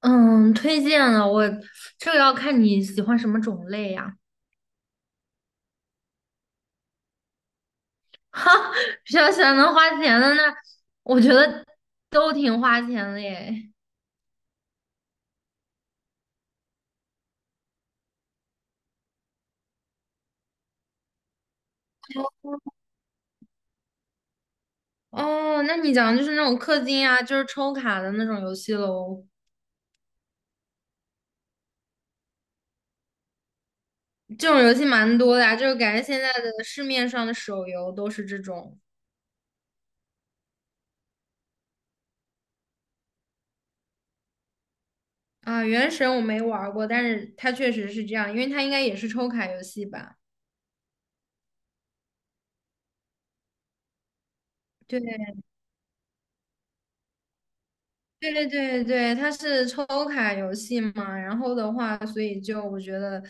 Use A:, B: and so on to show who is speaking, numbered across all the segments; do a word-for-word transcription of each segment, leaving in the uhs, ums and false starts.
A: 嗯，推荐了我，这个要看你喜欢什么种类呀、哈，比较喜欢能花钱的那，我觉得都挺花钱的耶。哦，那你讲的就是那种氪金啊，就是抽卡的那种游戏喽。这种游戏蛮多的呀、就是感觉现在的市面上的手游都是这种啊。原神我没玩儿过，但是它确实是这样，因为它应该也是抽卡游戏吧。对。对对对，对，它是抽卡游戏嘛，然后的话，所以就我觉得，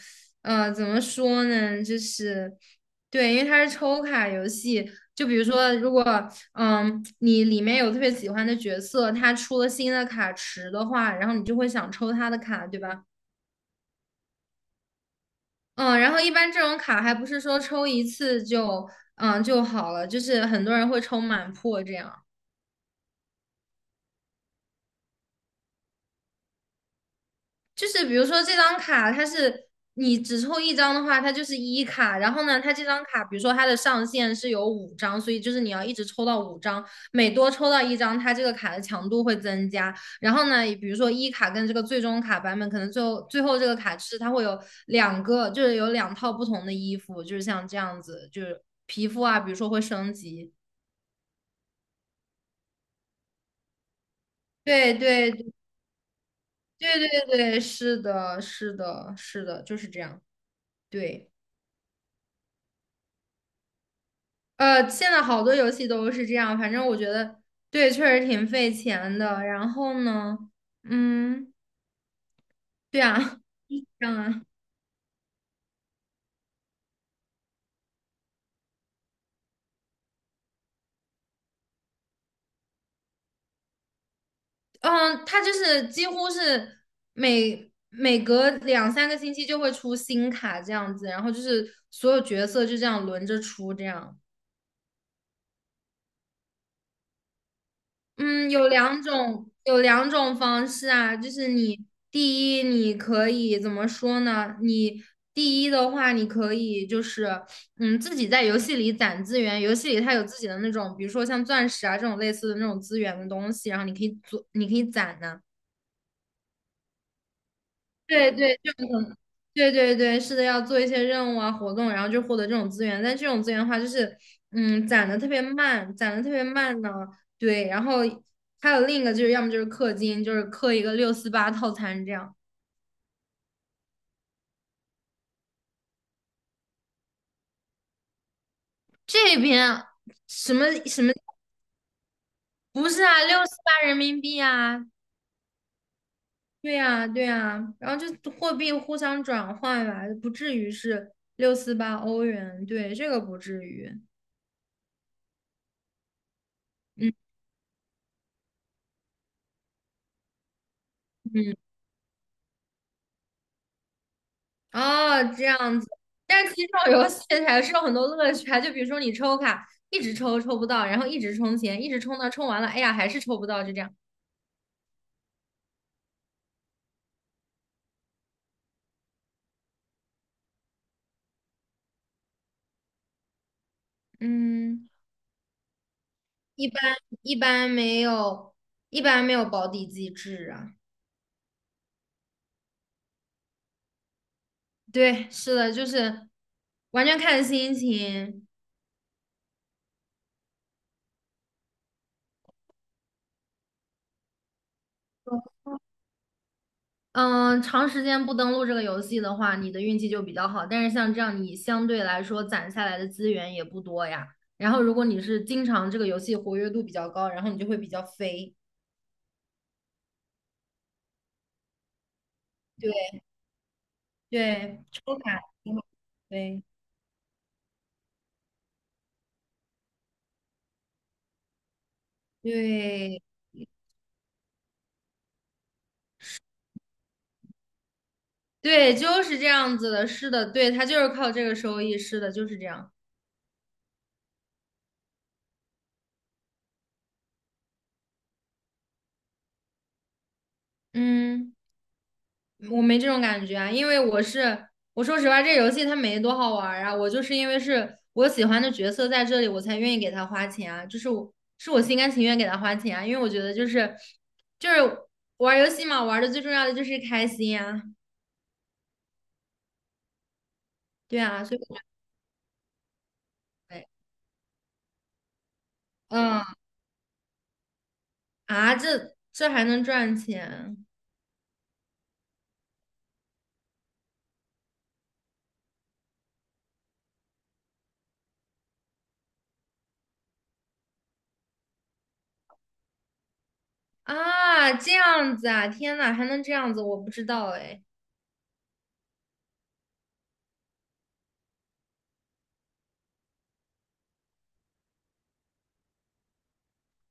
A: 呃，怎么说呢，就是对，因为它是抽卡游戏，就比如说，如果嗯你里面有特别喜欢的角色，它出了新的卡池的话，然后你就会想抽它的卡，对吧？嗯，然后一般这种卡还不是说抽一次就嗯就好了，就是很多人会抽满破这样。就是比如说这张卡，它是你只抽一张的话，它就是一卡。然后呢，它这张卡，比如说它的上限是有五张，所以就是你要一直抽到五张，每多抽到一张，它这个卡的强度会增加。然后呢，比如说一卡跟这个最终卡版本，可能最后最后这个卡是它会有两个，就是有两套不同的衣服，就是像这样子，就是皮肤啊，比如说会升级。对对对对对对，是的，是的，是的，就是这样。对。呃，现在好多游戏都是这样，反正我觉得对，确实挺费钱的。然后呢，嗯，对啊，这样啊，嗯，它就是几乎是每每隔两三个星期就会出新卡这样子，然后就是所有角色就这样轮着出这样。嗯，有两种，有两种方式啊，就是你第一，你可以怎么说呢？你第一的话，你可以就是，嗯，自己在游戏里攒资源，游戏里它有自己的那种，比如说像钻石啊这种类似的那种资源的东西，然后你可以做，你可以攒呢、对对对对对，是的，要做一些任务啊、活动，然后就获得这种资源。但这种资源的话，就是嗯，攒的特别慢，攒的特别慢呢。对，然后还有另一个就是，要么就是氪金，就是氪一个六四八套餐这样。这边什么什么不是啊，六四八人民币啊，对呀、对呀、然后就货币互相转换吧，不至于是六四八欧元，对，这个不至于。嗯嗯。哦，这样子。但是其实这种游戏还是有很多乐趣啊，就比如说你抽卡，一直抽抽不到，然后一直充钱，一直充到充完了，哎呀，还是抽不到，就这样。嗯，一般一般没有，一般没有保底机制啊。对，是的，就是完全看心情。嗯，长时间不登录这个游戏的话，你的运气就比较好。但是像这样，你相对来说攒下来的资源也不多呀。然后，如果你是经常这个游戏活跃度比较高，然后你就会比较肥。对对，抽卡对对对，就是这样子的。是的，对，它就是靠这个收益。是的，就是这样。嗯。我没这种感觉啊，因为我是我说实话，这游戏它没多好玩儿啊，我就是因为是我喜欢的角色在这里，我才愿意给他花钱啊，就是我是我心甘情愿给他花钱啊，因为我觉得就是就是玩儿游戏嘛，玩儿的最重要的就是开心啊，对啊，所以我觉得嗯啊，这这还能赚钱啊，这样子啊，天呐，还能这样子，我不知道哎，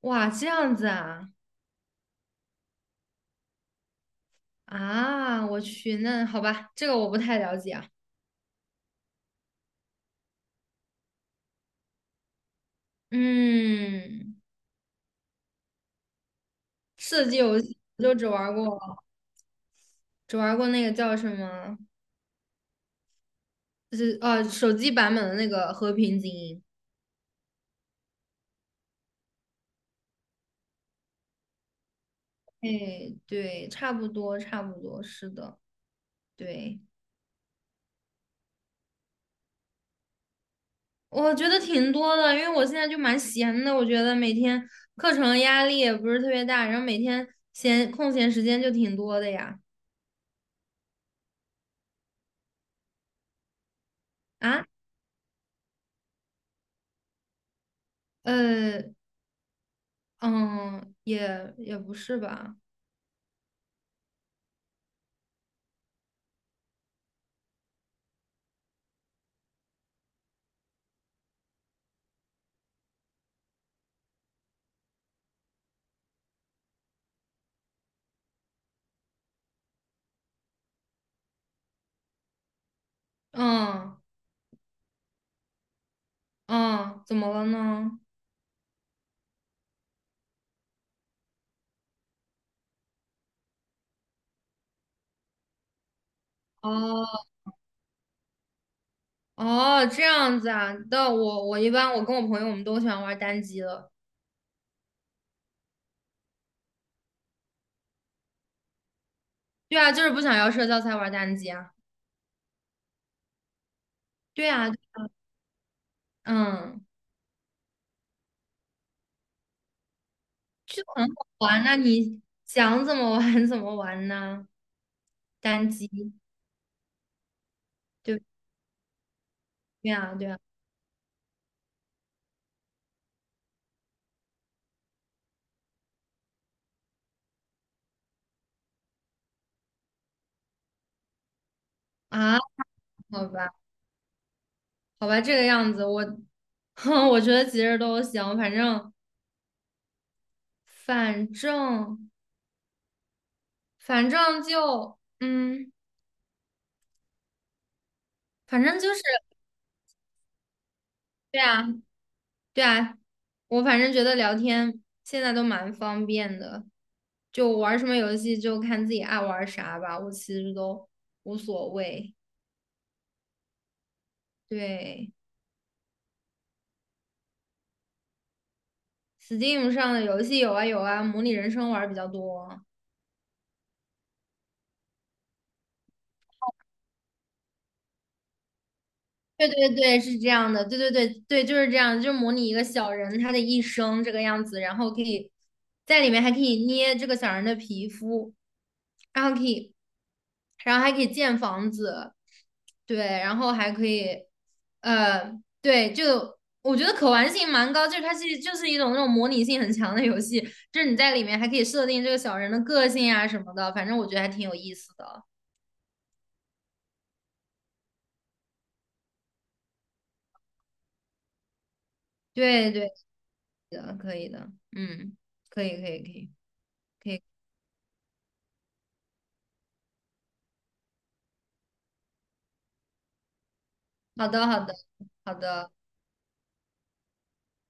A: 哇，这样子啊啊，我去，那好吧，这个我不太了解啊。嗯，刺激游戏我就只玩过，只玩过那个叫什么，就是呃手机版本的那个《和平精英》。哎，对，差不多，差不多，是的，对，我觉得挺多的，因为我现在就蛮闲的，我觉得每天课程压力也不是特别大，然后每天闲空闲时间就挺多的呀。啊，呃，嗯，也也不是吧，嗯嗯，怎么了呢？哦。哦，这样子啊，那我我一般我跟我朋友我们都喜欢玩单机了。对啊，就是不想要社交才玩单机啊。对啊，嗯，就很好玩那你想怎么玩 怎么玩呢？单机，对对啊，对啊，啊，好吧，好吧，这个样子，我，哼，我觉得其实都行，反正反正反正就嗯，反正就是对啊，对啊，我反正觉得聊天现在都蛮方便的，就玩什么游戏就看自己爱玩啥吧，我其实都无所谓。对，steam 上的游戏有啊有啊，模拟人生玩儿比较多。对对对，是这样的，对对对对，就是这样，就是模拟一个小人他的一生这个样子，然后可以在里面还可以捏这个小人的皮肤，然后可以然后还可以建房子，对，然后还可以，呃，对，就我觉得可玩性蛮高，就是它是就是一种那种模拟性很强的游戏，就是你在里面还可以设定这个小人的个性啊什么的，反正我觉得还挺有意思的。对对的，可以的，嗯，可以可以可以可以，好的好的好的。